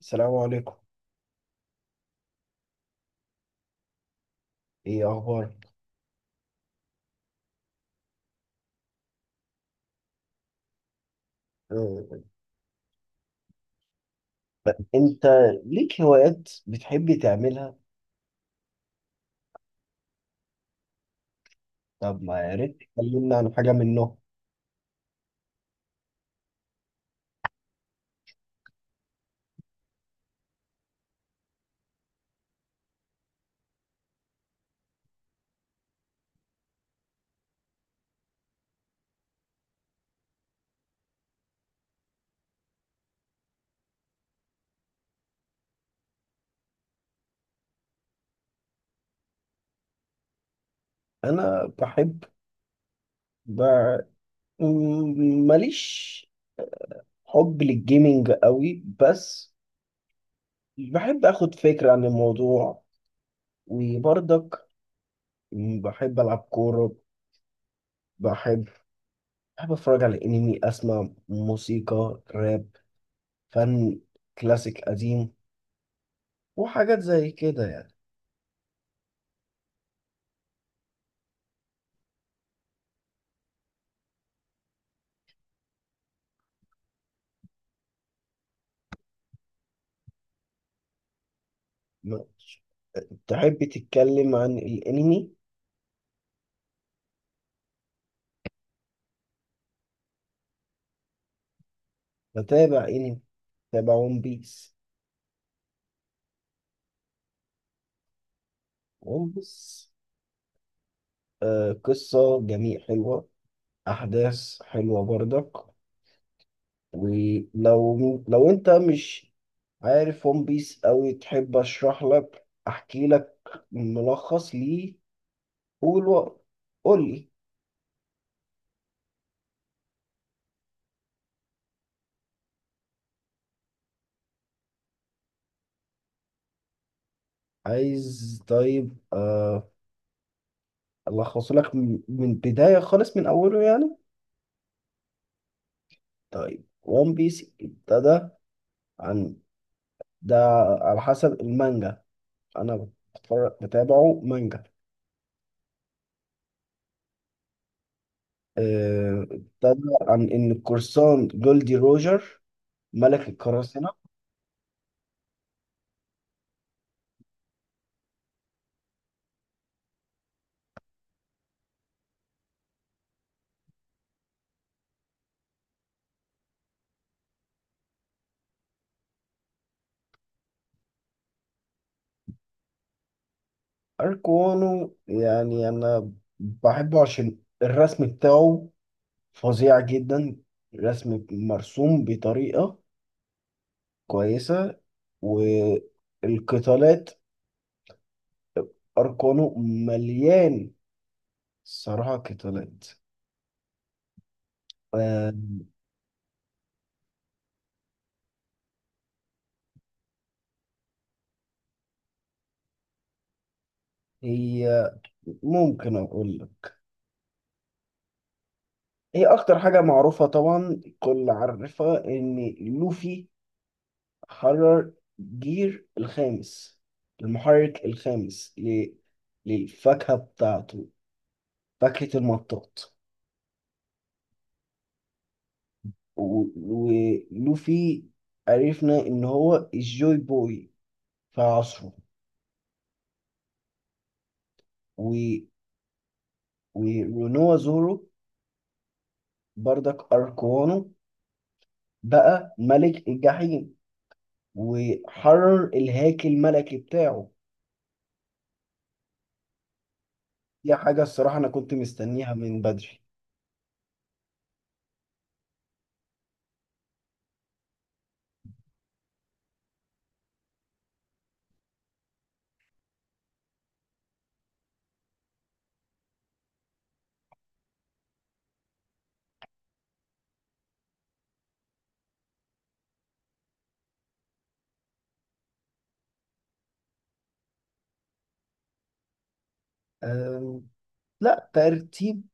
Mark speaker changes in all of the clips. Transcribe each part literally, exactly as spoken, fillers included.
Speaker 1: السلام عليكم. ايه اخبارك؟ آه، انت ليك هوايات بتحب تعملها؟ طب ما يا ريت تكلمنا عن حاجه منهم. انا بحب ب... م- ماليش حب للجيمينج قوي بس. بحب اخد فكره عن الموضوع، وبرضك بحب العب كوره. بحب بحب اتفرج على انمي، اسمع موسيقى راب، فن كلاسيك قديم، وحاجات زي كده. يعني تحب تتكلم عن الانمي؟ بتابع انمي، بتابع ون بيس. ون بيس، آه قصة جميل حلوة، احداث حلوة برضك. ولو لو انت مش عارف ون بيس اوي، تحب اشرح لك، احكي لك ملخص ليه؟ قول و- قول لي عايز. طيب، آه الخصه لك من من بداية خالص، من اوله يعني. طيب ون بيس ابتدى عن ده، على حسب المانجا انا بتفرج بتابعه مانجا. آه، ابتدى عن ان القرصان جولدي روجر ملك القراصنة. اركوانو يعني انا بحبه عشان الرسم بتاعه فظيع جدا، رسم مرسوم بطريقة كويسة، والقتالات اركوانو مليان صراحة قتالات آه، هي ممكن اقول هي اكتر حاجة معروفة طبعا، الكل عارفها، ان لوفي حرر جير الخامس، المحرك الخامس ل... للفاكهة بتاعته، فاكهة المطاط. و... ولوفي عرفنا ان هو الجوي بوي في عصره. و... ورونوا زورو بردك اركوانو بقى ملك الجحيم وحرر الهاكي الملكي بتاعه. دي حاجة الصراحة أنا كنت مستنيها من بدري. أم، لا، ترتيب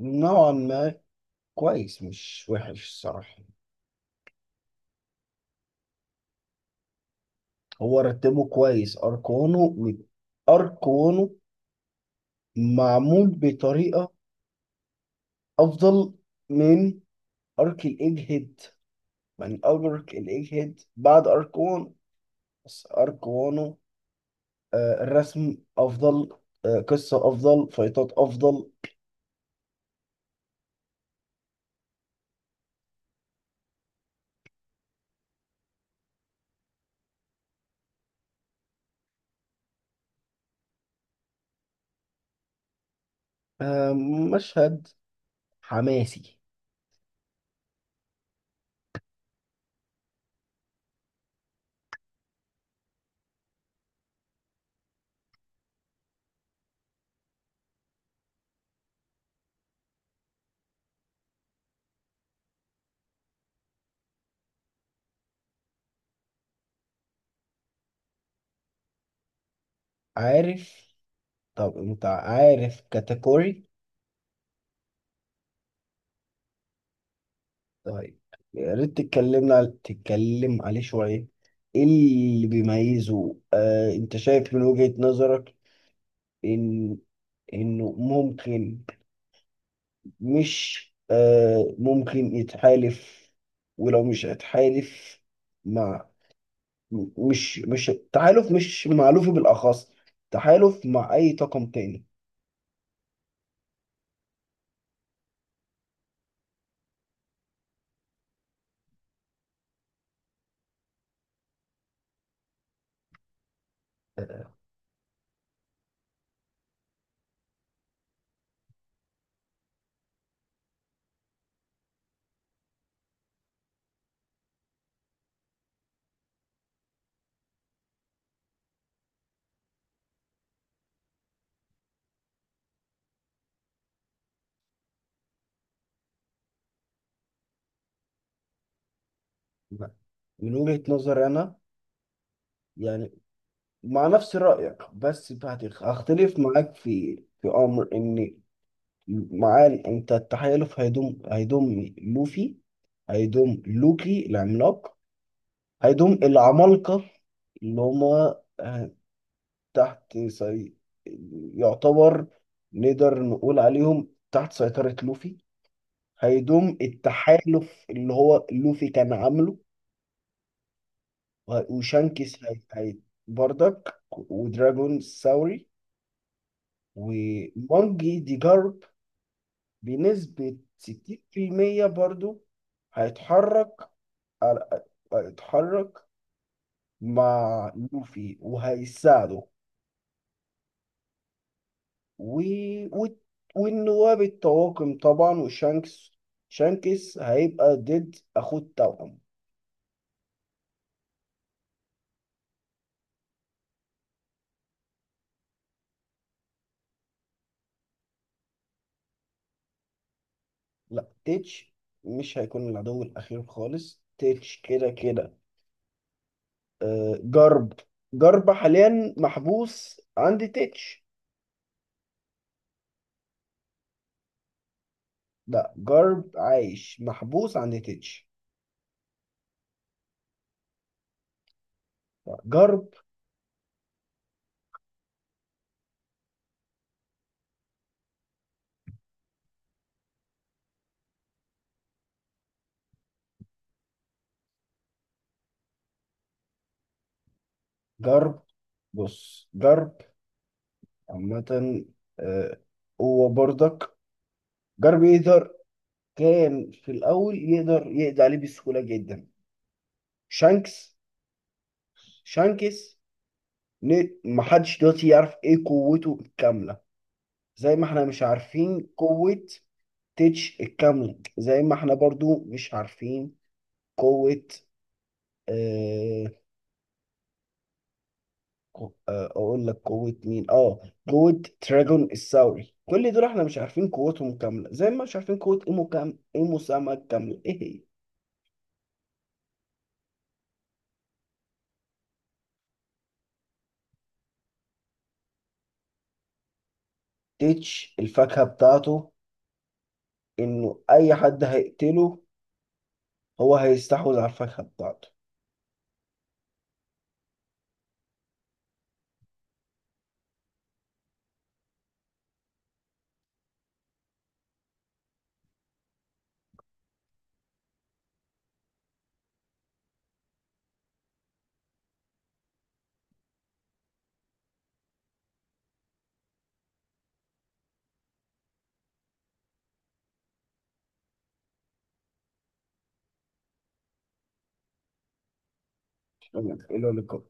Speaker 1: نوعا ما كويس، مش وحش الصراحة. هو رتبه كويس، أرقامه م- أرقامه معمول بطريقة أفضل من أرك الإيج هيد، من أول أرك الإيج هيد بعد أركون، بس أركونه آه، الرسم أفضل، آه، قصة أفضل، فايتات أفضل. آه، مشهد حماسي. عارف. طب أنت عارف كاتيجوري؟ طيب، يا ريت تتكلمنا تتكلم عليه شوية. ايه اللي بيميزه، آه انت شايف من وجهة نظرك ان انه ممكن، مش، آه ممكن يتحالف؟ ولو مش هيتحالف مع، م- مش مش تحالف مش مألوف بالأخص تحالف مع أي طاقم تاني. آه، من وجهة نظري أنا يعني مع نفس رأيك، بس هت- هختلف معاك في في أمر. إن معاه، انت التحالف هيضم هيضم لوفي، هيضم لوكي العملاق، هيضم العمالقة اللي هما، آه، تحت سي... يعتبر نقدر نقول عليهم تحت سيطرة لوفي. هيضم التحالف اللي هو لوفي كان عامله. وه- وشانكس هي... هي... بردك، ودراجون ساوري، ومونجي دي جارب، بنسبة ستين في المية برضو. هيتحرك على- هيتحرك مع لوفي وهيساعده. و... و... والنواب الطواقم طبعا، وشانكس. شانكس هيبقى ضد اخوه التوأم. لا، تيتش مش هيكون العدو الاخير خالص. تيتش كده كده. آه، جرب جرب حاليا محبوس عند تيتش. لا، جرب عايش محبوس عند تيتش. لا، جرب جرب بص، جرب عامة. آه، هو برضك جار بيقدر، كان في الأول يقدر يقضي عليه بسهولة جدا شانكس. شانكس ن- محدش دلوقتي يعرف إيه قوته الكاملة، زي ما احنا مش عارفين قوة تيتش الكاملة، زي ما احنا برضو مش عارفين قوة، آه قو- آه، أقول لك قوة مين؟ آه قوة تراجون الثوري. كل دول احنا مش عارفين قوتهم كاملة، زي ما مش عارفين قوة إيمو كام إيمو ساما الكاملة إيه هي. تيتش الفاكهة بتاعته انه اي حد هيقتله هو هيستحوذ على الفاكهه بتاعته. تمام، الى اللقاء.